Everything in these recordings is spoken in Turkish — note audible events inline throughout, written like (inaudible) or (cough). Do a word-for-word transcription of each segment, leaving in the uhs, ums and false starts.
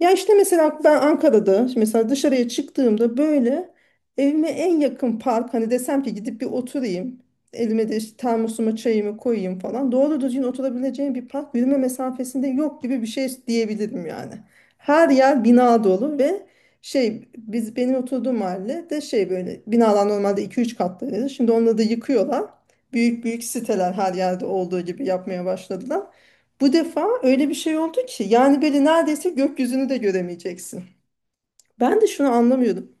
Ya işte mesela ben Ankara'da şimdi mesela dışarıya çıktığımda böyle evime en yakın park hani desem ki gidip bir oturayım. Elime de işte termosuma çayımı koyayım falan. Doğru düzgün oturabileceğim bir park yürüme mesafesinde yok gibi bir şey diyebilirim yani. Her yer bina dolu ve şey biz benim oturduğum mahalle de şey böyle binalar normalde iki üç katlıydı. Şimdi onları da yıkıyorlar. Büyük büyük siteler her yerde olduğu gibi yapmaya başladılar. Bu defa öyle bir şey oldu ki yani böyle neredeyse gökyüzünü de göremeyeceksin. Ben de şunu anlamıyordum.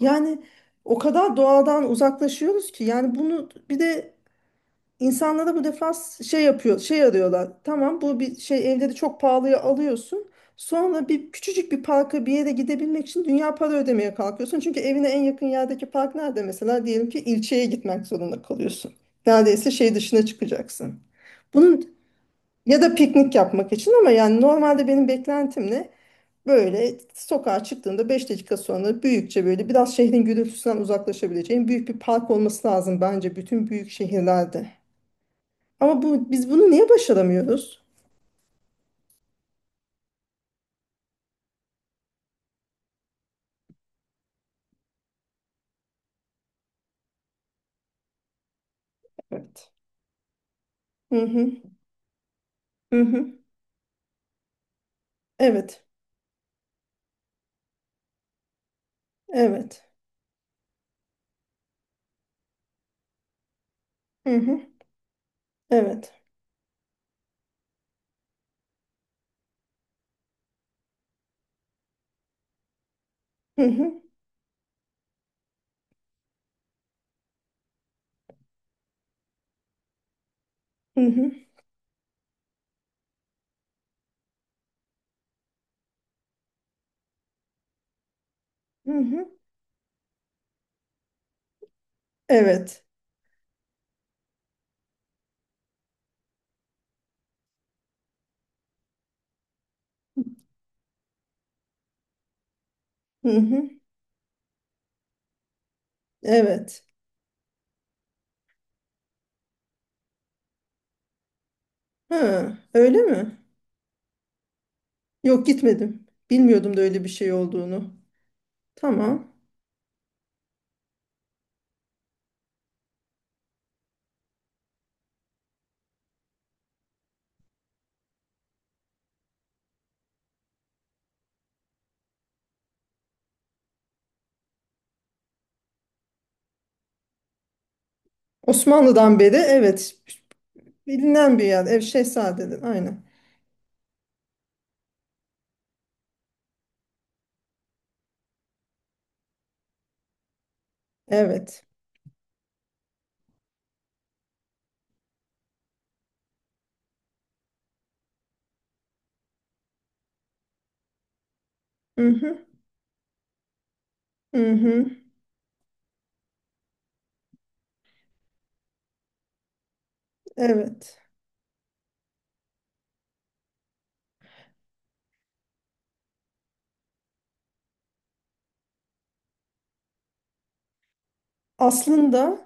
Yani o kadar doğadan uzaklaşıyoruz ki yani bunu bir de insanlara bu defa şey yapıyor, şey arıyorlar. Tamam bu bir şey, evleri çok pahalıya alıyorsun. Sonra bir küçücük bir parka bir yere gidebilmek için dünya para ödemeye kalkıyorsun. Çünkü evine en yakın yerdeki park nerede mesela, diyelim ki ilçeye gitmek zorunda kalıyorsun. Neredeyse şey dışına çıkacaksın. Bunun ya da piknik yapmak için, ama yani normalde benim beklentim ne? Böyle sokağa çıktığında beş dakika sonra büyükçe, böyle biraz şehrin gürültüsünden uzaklaşabileceğin büyük bir park olması lazım bence bütün büyük şehirlerde. Ama bu, biz bunu niye başaramıyoruz? Evet. Hı hı. Hı hı. Evet. Evet. Hı hı. Evet. Hı hı. Hı hı. Hı hı. Evet. Hı hı. Evet. Ha, öyle mi? Yok, gitmedim. Bilmiyordum da öyle bir şey olduğunu. Tamam. Osmanlı'dan beri, evet, bilinen bir yer. Ev Şehzade'dir aynen. Evet. Hı hı, hı hı, evet. Aslında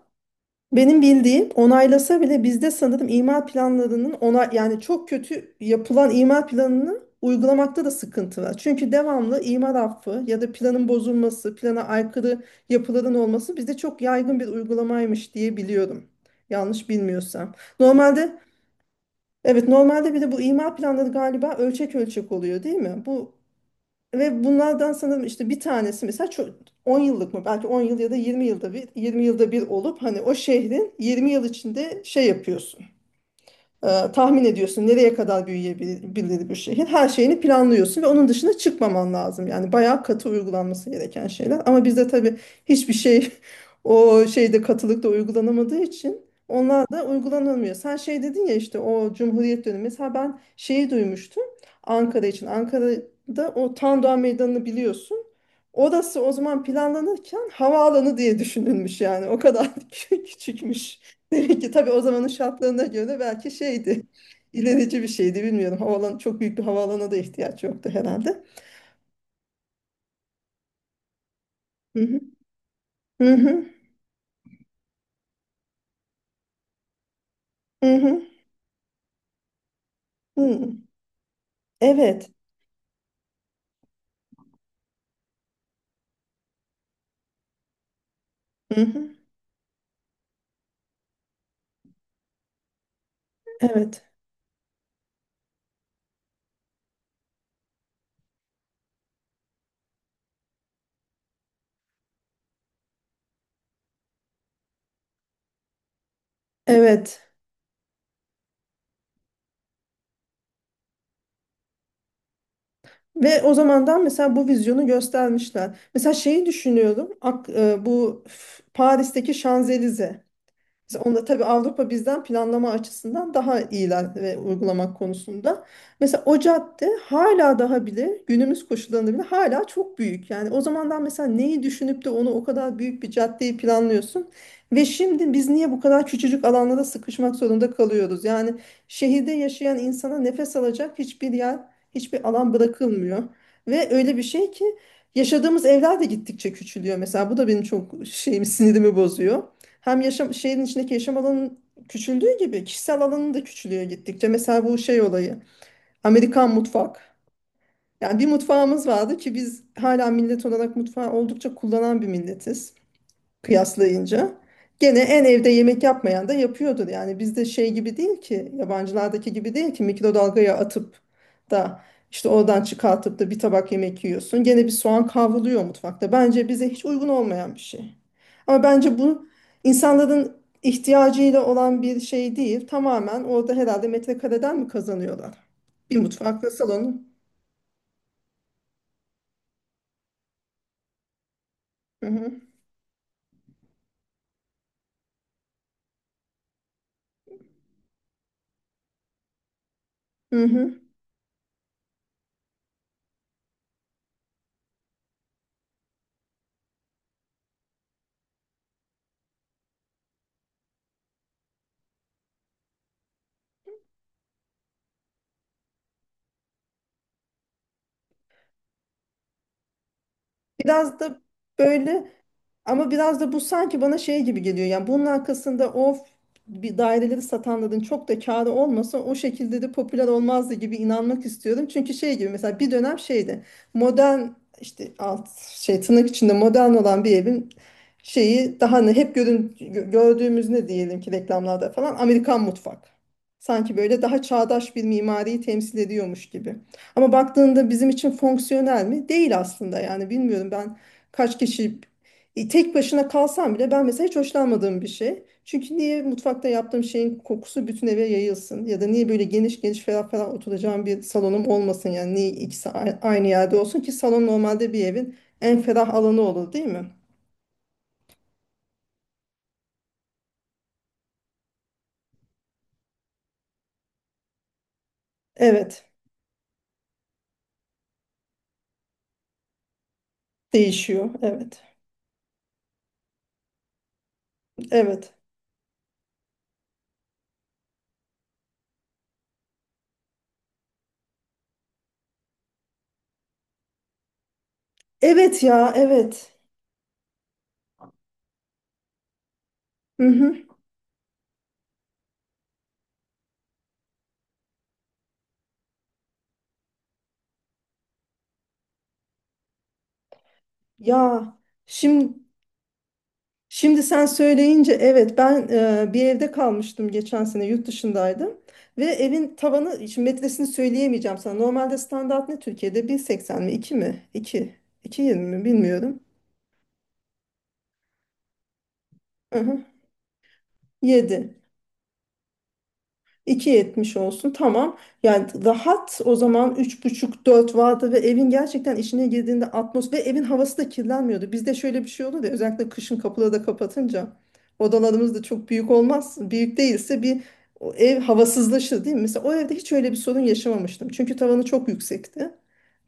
benim bildiğim, onaylasa bile bizde sanırım imar planlarının ona yani, çok kötü yapılan imar planını uygulamakta da sıkıntı var. Çünkü devamlı imar affı ya da planın bozulması, plana aykırı yapıların olması bizde çok yaygın bir uygulamaymış diye biliyorum. Yanlış bilmiyorsam. Normalde Evet, normalde bir de bu imar planları galiba ölçek ölçek oluyor değil mi? Bu ve bunlardan sanırım işte bir tanesi mesela çok on yıllık mı, belki on yıl ya da yirmi yılda bir, yirmi yılda bir olup hani o şehrin yirmi yıl içinde şey yapıyorsun, e, tahmin ediyorsun nereye kadar büyüyebilir bir şehir. Her şeyini planlıyorsun ve onun dışına çıkmaman lazım. Yani bayağı katı uygulanması gereken şeyler. Ama bizde tabii hiçbir şey (laughs) o şeyde, katılıkta uygulanamadığı için onlar da uygulanamıyor. Sen şey dedin ya, işte o Cumhuriyet dönemi. Mesela ben şeyi duymuştum Ankara için. Ankara'da o Tandoğan Meydanı'nı biliyorsun. Orası o zaman planlanırken havaalanı diye düşünülmüş yani. O kadar (laughs) küçükmüş. Demek ki tabii o zamanın şartlarına göre belki şeydi, ilerici bir şeydi, bilmiyorum. Havalan, çok büyük bir havaalanına da ihtiyaç yoktu herhalde. Hı hı. Hı hı. Hı hı. Hı. Evet. Hı hı. Evet. Evet. Ve o zamandan mesela bu vizyonu göstermişler. Mesela şeyi düşünüyorum. Ak- e, bu f- Paris'teki Şanzelize. Mesela onda tabii Avrupa bizden planlama açısından daha iyiler ve uygulamak konusunda. Mesela o cadde hala daha bile, günümüz koşullarında bile hala çok büyük. Yani o zamandan mesela neyi düşünüp de onu, o kadar büyük bir caddeyi planlıyorsun? Ve şimdi biz niye bu kadar küçücük alanlara sıkışmak zorunda kalıyoruz? Yani şehirde yaşayan insana nefes alacak hiçbir yer, hiçbir alan bırakılmıyor. Ve öyle bir şey ki yaşadığımız evler de gittikçe küçülüyor. Mesela bu da benim çok şeyimi, sinirimi bozuyor. Hem yaşam, şehrin içindeki yaşam alanının küçüldüğü gibi kişisel alanın da küçülüyor gittikçe. Mesela bu şey olayı. Amerikan mutfak. Yani bir mutfağımız vardı ki, biz hala millet olarak mutfağı oldukça kullanan bir milletiz kıyaslayınca. Gene en evde yemek yapmayan da yapıyordur. Yani bizde şey gibi değil ki, yabancılardaki gibi değil ki mikrodalgaya atıp da işte oradan çıkartıp da bir tabak yemek yiyorsun. Gene bir soğan kavruluyor mutfakta. Bence bize hiç uygun olmayan bir şey. Ama bence bu insanların ihtiyacıyla olan bir şey değil. Tamamen orada herhalde metrekareden mi kazanıyorlar? Bir mutfakla salonu. Hı hı. Hı hı. Biraz da böyle Ama biraz da bu sanki bana şey gibi geliyor. Yani bunun arkasında o bir daireleri satanların çok da kârı olmasa o şekilde de popüler olmazdı gibi inanmak istiyorum. Çünkü şey gibi mesela bir dönem şeydi. Modern, işte alt, şey, tırnak içinde modern olan bir evin şeyi daha ne hep görün, gö- gördüğümüz, ne diyelim ki reklamlarda falan, Amerikan mutfak. Sanki böyle daha çağdaş bir mimariyi temsil ediyormuş gibi. Ama baktığında bizim için fonksiyonel mi? Değil aslında, yani bilmiyorum ben kaç kişi, e, tek başına kalsam bile ben mesela hiç hoşlanmadığım bir şey. Çünkü niye mutfakta yaptığım şeyin kokusu bütün eve yayılsın? Ya da niye böyle geniş geniş, ferah ferah oturacağım bir salonum olmasın? Yani niye ikisi a- aynı yerde olsun ki, salon normalde bir evin en ferah alanı olur değil mi? Evet. Değişiyor. Evet. Evet. Evet ya, evet. Hı hı. Ya şimdi Şimdi sen söyleyince, evet, ben e, bir evde kalmıştım, geçen sene yurt dışındaydım ve evin tavanı, şimdi metresini söyleyemeyeceğim sana. Normalde standart ne Türkiye'de, bir seksen mi, iki mi, iki iki yirmi mi, bilmiyorum. Hı hı. yedi iki yetmiş olsun, tamam. Yani rahat, o zaman üç buçuk dört vardı ve evin gerçekten içine girdiğinde atmos, ve evin havası da kirlenmiyordu. Bizde şöyle bir şey olur ya, özellikle kışın kapıları da kapatınca odalarımız da çok büyük olmaz. Büyük değilse bir, o ev havasızlaşır değil mi? Mesela o evde hiç öyle bir sorun yaşamamıştım. Çünkü tavanı çok yüksekti.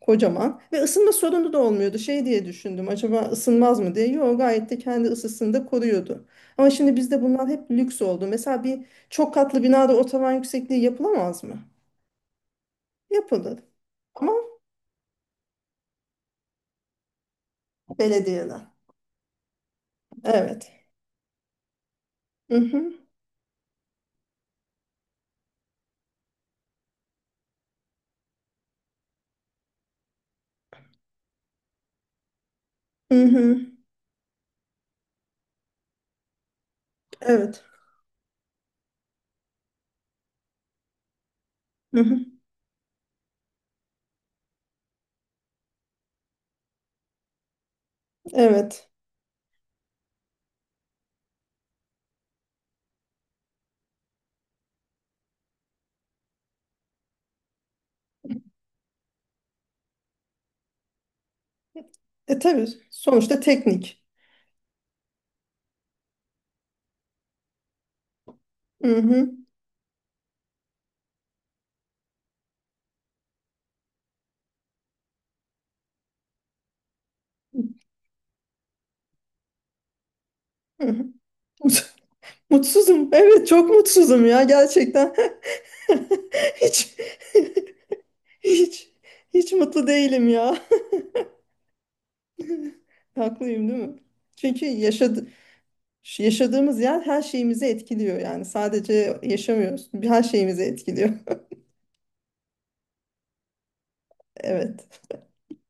Kocaman. Ve ısınma sorunu da olmuyordu. Şey diye düşündüm, acaba ısınmaz mı diye. Yok, gayet de kendi ısısını da koruyordu. Ama şimdi bizde bunlar hep lüks oldu. Mesela bir çok katlı binada o tavan yüksekliği yapılamaz mı? Yapılır. Ama belediyeden. Evet. Hı hı. Hı hı. Evet. Hı hı. Evet. E tabii, sonuçta teknik. Hı hı. Hı hı. Mut- Mutsuzum. Evet, çok mutsuzum ya, gerçekten. (laughs) Hiç (laughs) hiç hiç mutlu değilim ya. (laughs) Haklıyım değil mi? Çünkü yaşadı yaşadığımız yer her şeyimizi etkiliyor yani. Sadece yaşamıyoruz. Her şeyimizi etkiliyor. Evet.